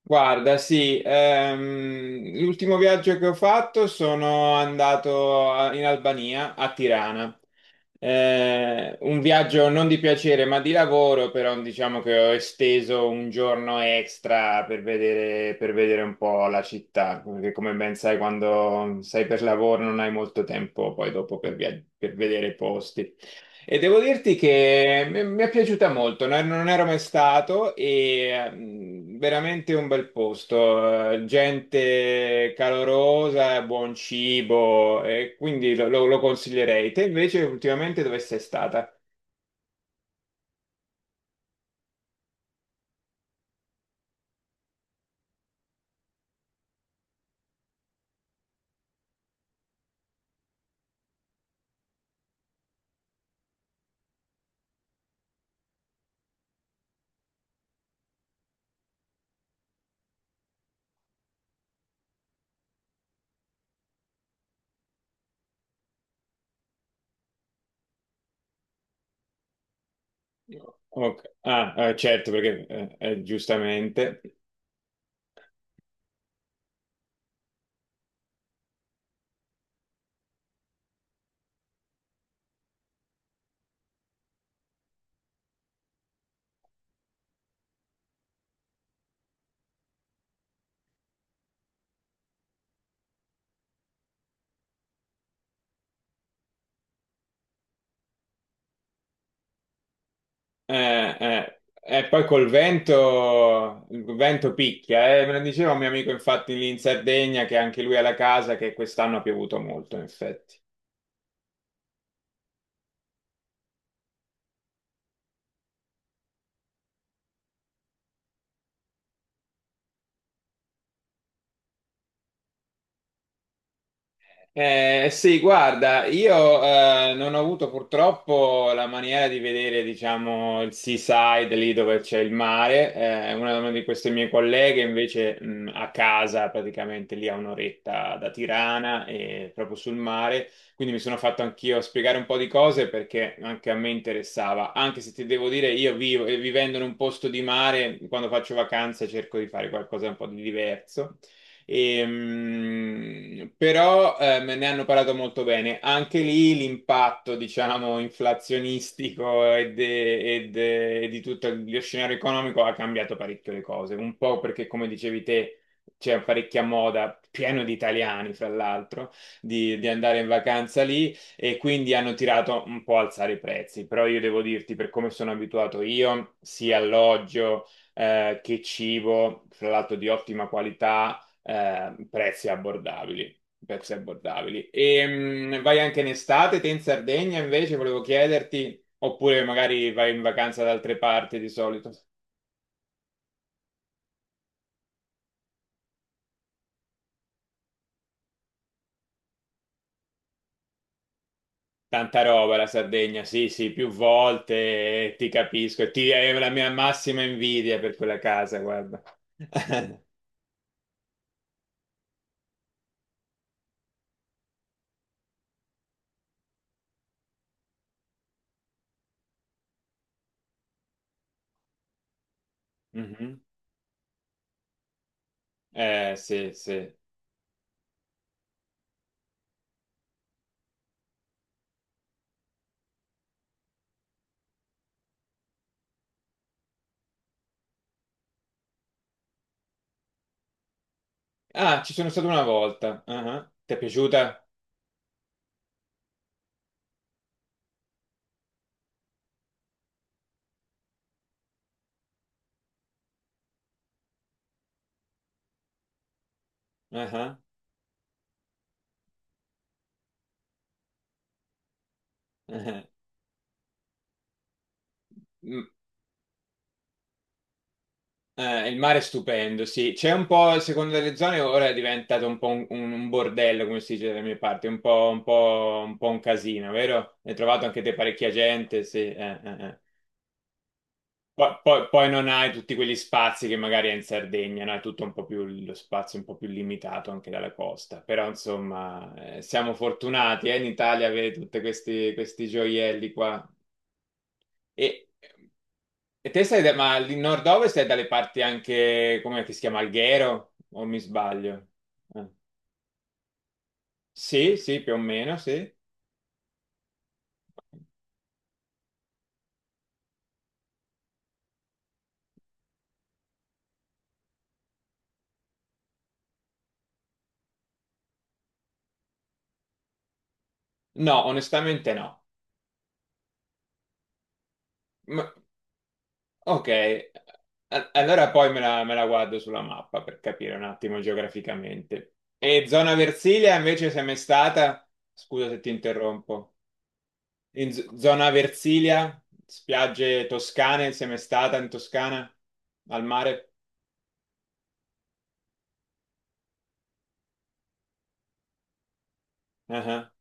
Guarda, sì, l'ultimo viaggio che ho fatto sono andato in Albania, a Tirana. Un viaggio non di piacere, ma di lavoro, però diciamo che ho esteso un giorno extra per vedere, un po' la città, perché come ben sai, quando sei per lavoro non hai molto tempo poi dopo per vedere i posti. E devo dirti che mi è piaciuta molto, non ero mai stato e veramente un bel posto, gente calorosa, buon cibo, e quindi lo consiglierei. Te invece ultimamente dove sei stata? Ok. Ah, certo, perché giustamente. Eh, eh, E poi col vento, il vento picchia, eh. Me lo diceva un mio amico infatti lì in Sardegna che anche lui ha la casa che quest'anno ha piovuto molto, in effetti. Sì, guarda, io non ho avuto purtroppo la maniera di vedere, diciamo, il seaside lì dove c'è il mare. Una di queste mie colleghe invece a casa, praticamente lì a un'oretta da Tirana e proprio sul mare. Quindi mi sono fatto anch'io spiegare un po' di cose perché anche a me interessava. Anche se ti devo dire, io vivo, vivendo in un posto di mare, quando faccio vacanze cerco di fare qualcosa un po' di diverso. Però ne hanno parlato molto bene. Anche lì l'impatto, diciamo, inflazionistico e di tutto lo scenario economico ha cambiato parecchio le cose. Un po' perché, come dicevi te, c'è parecchia moda, pieno di italiani, fra l'altro, di andare in vacanza lì e quindi hanno tirato un po' a alzare i prezzi. Però io devo dirti, per come sono abituato io, sia alloggio che cibo, fra l'altro di ottima qualità prezzi abbordabili, prezzi abbordabili. E vai anche in estate, te in Sardegna invece, volevo chiederti, oppure magari vai in vacanza da altre parti di solito. Tanta roba la Sardegna, sì, sì, più volte, ti capisco, e ti è la mia massima invidia per quella casa, guarda. Mhm. Sì, sì. Ah, ci sono stato una volta. Ah, ah. Ti è piaciuta? Ah, ah. Ah, ah. Mm. Il mare è stupendo, sì. C'è un po', secondo delle zone, ora è diventato un po' un bordello, come si dice dalle mie parti, un po', un po', un po' un casino, vero? Hai trovato anche te parecchia gente, sì. Eh, eh. Poi non hai tutti quegli spazi che magari hai in Sardegna, no? È tutto un po' più, lo spazio è un po' più limitato anche dalla costa. Però, insomma, siamo fortunati, in Italia avere tutti questi, questi gioielli qua. E, e, ma il nord-ovest è dalle parti anche, come che si chiama, Alghero, o mi sbaglio? Eh. Sì, sì, più o meno, sì. No, onestamente no. Ma- ok, allora poi me la guardo sulla mappa per capire un attimo geograficamente. E zona Versilia invece sei mai stata? Scusa se ti interrompo. In zona Versilia, spiagge toscane, sei mai stata in Toscana? Al mare? Ah, ah.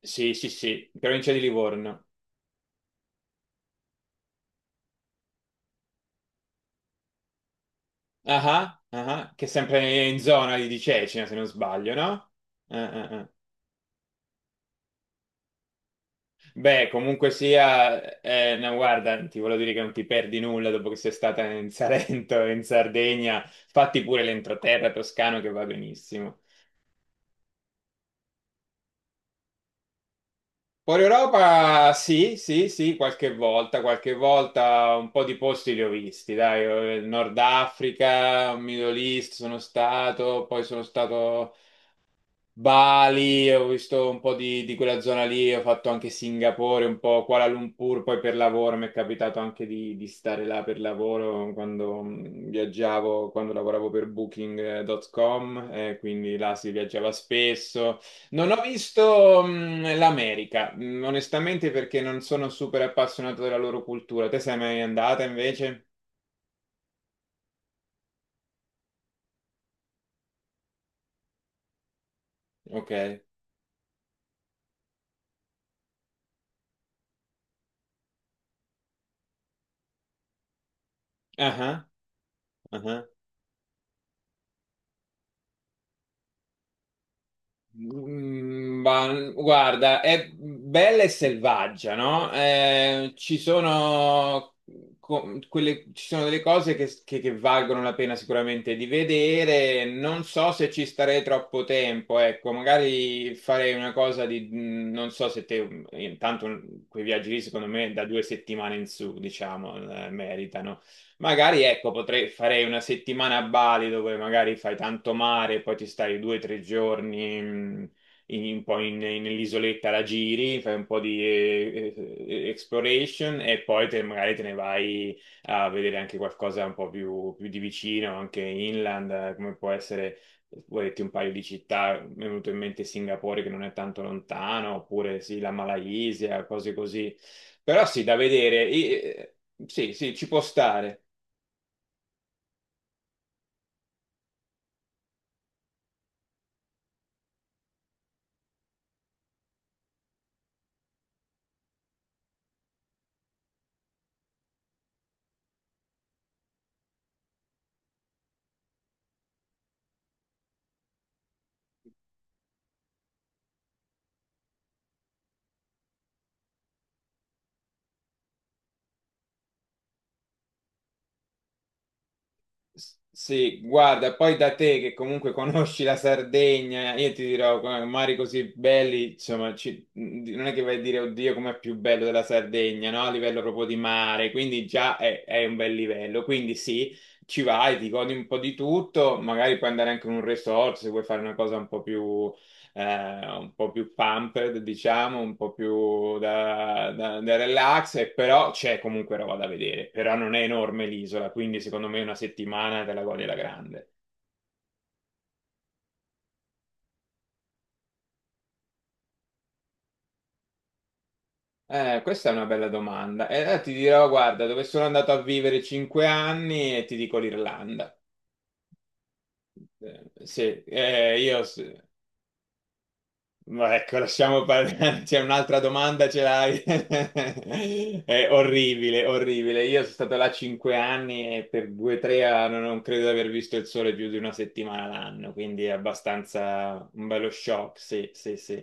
Sì, sì, sì, provincia di Livorno. Ah, ah, ah, ah, che è sempre in zona lì di Cecina, se non sbaglio, no? Ah, ah, ah. Beh, comunque sia, no, guarda, ti voglio dire che non ti perdi nulla dopo che sei stata in Salento, in Sardegna, fatti pure l'entroterra toscano che va benissimo. Fuori Europa, sì, sì, sì, qualche volta un po' di posti li ho visti, dai, Nord Africa, Middle East sono stato, poi sono stato Bali, ho visto un po' di quella zona lì, ho fatto anche Singapore, un po' Kuala Lumpur, poi per lavoro mi è capitato anche di stare là per lavoro quando viaggiavo, quando lavoravo per Booking.com, quindi là si viaggiava spesso. Non ho visto l'America, onestamente perché non sono super appassionato della loro cultura. Te sei mai andata invece? Ok. Ah, ah, ah, ah. Mm, guarda, è bella e selvaggia, no? Ci sono ci sono delle cose che valgono la pena sicuramente di vedere. Non so se ci starei troppo tempo, ecco, magari farei una cosa di, non so se te, intanto quei viaggi lì secondo me da 2 settimane in su, diciamo, meritano. Magari, ecco, potrei farei una settimana a Bali dove magari fai tanto mare, e poi ti stai 2 o 3 giorni in, un po' in- in- nell'isoletta, la giri, fai un po' di exploration e poi magari te ne vai a vedere anche qualcosa un po' più, più di vicino, anche inland, come può essere, vuoi dirti un paio di città, mi è venuto in mente Singapore che non è tanto lontano, oppure sì, la Malaysia, cose così. Però sì, da vedere. Sì, sì, ci può stare. Sì, guarda, poi da te che comunque conosci la Sardegna, io ti dirò, come mari così belli, insomma, non è che vai a dire, oddio, com'è più bello della Sardegna, no? A livello proprio di mare, quindi già è un bel livello. Quindi sì, ci vai, ti godi un po' di tutto, magari puoi andare anche in un resort se vuoi fare una cosa un po' più pumped, diciamo, un po' più da relax, e però c'è comunque roba da vedere, però non è enorme l'isola, quindi secondo me una settimana te la godi alla grande. Questa è una bella domanda. E ti dirò, guarda, dove sono andato a vivere 5 anni e ti dico l'Irlanda. Sì, io... Ma ecco, lasciamo parlare. C'è un'altra domanda, ce l'hai? È orribile, orribile. Io sono stato là 5 anni e per 2 o 3 anni non credo di aver visto il sole più di una settimana l'anno, quindi è abbastanza un bello shock. Sì, sì, sì.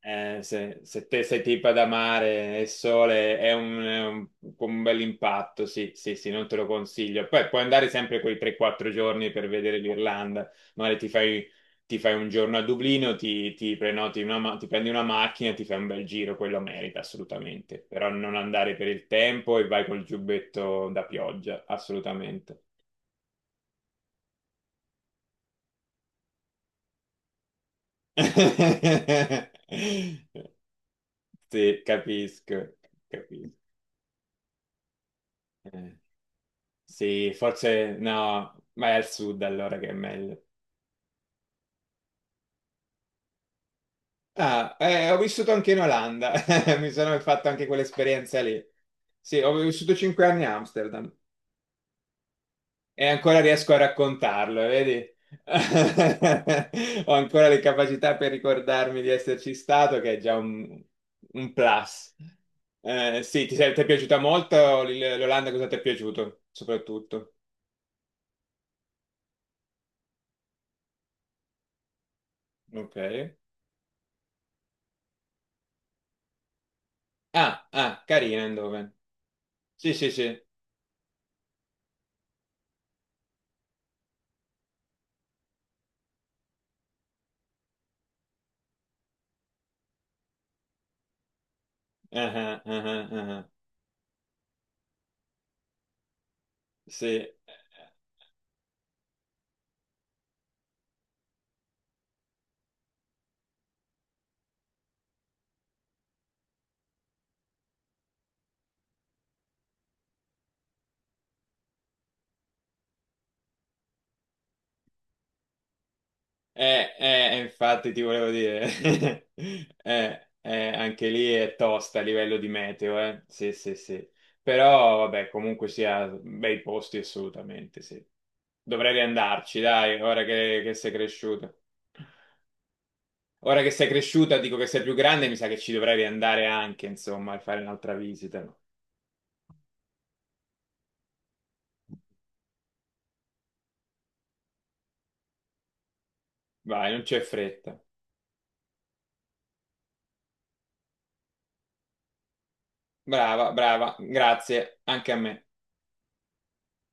Se, se te sei tipo ad amare il sole è un, un bel impatto, sì, sì, sì, non te lo consiglio. Poi puoi andare sempre quei 3-4 giorni per vedere l'Irlanda, magari ti fai un giorno a Dublino, ti prenoti una, ti prendi una macchina, ti fai un bel giro, quello merita assolutamente, però non andare per il tempo e vai col giubbetto da pioggia, assolutamente. Sì, capisco, capisco. Eh. Sì, forse no, vai al sud allora che è meglio. Ah, ho vissuto anche in Olanda, mi sono fatto anche quell'esperienza lì. Sì, ho vissuto 5 anni a Amsterdam e ancora riesco a raccontarlo, vedi? Ho ancora le capacità per ricordarmi di esserci stato, che è già un plus. Sì, ti, ti è piaciuta molto l'Olanda? Cosa ti è piaciuto soprattutto? Ok. Ah, ah, carina, Eindhoven. Sì, sì, sì. Ah, ah, ah, ah. Sì, infatti ti volevo dire. Anche lì è tosta a livello di meteo, eh. Sì, sì, sì. Però vabbè, comunque sia bei posti assolutamente, sì. Dovrei riandarci, dai, ora che sei cresciuta. Ora che sei cresciuta, dico che sei più grande, mi sa che ci dovrei riandare anche, insomma, a fare un'altra visita. Vai, non c'è fretta. Brava, brava, grazie, anche a me.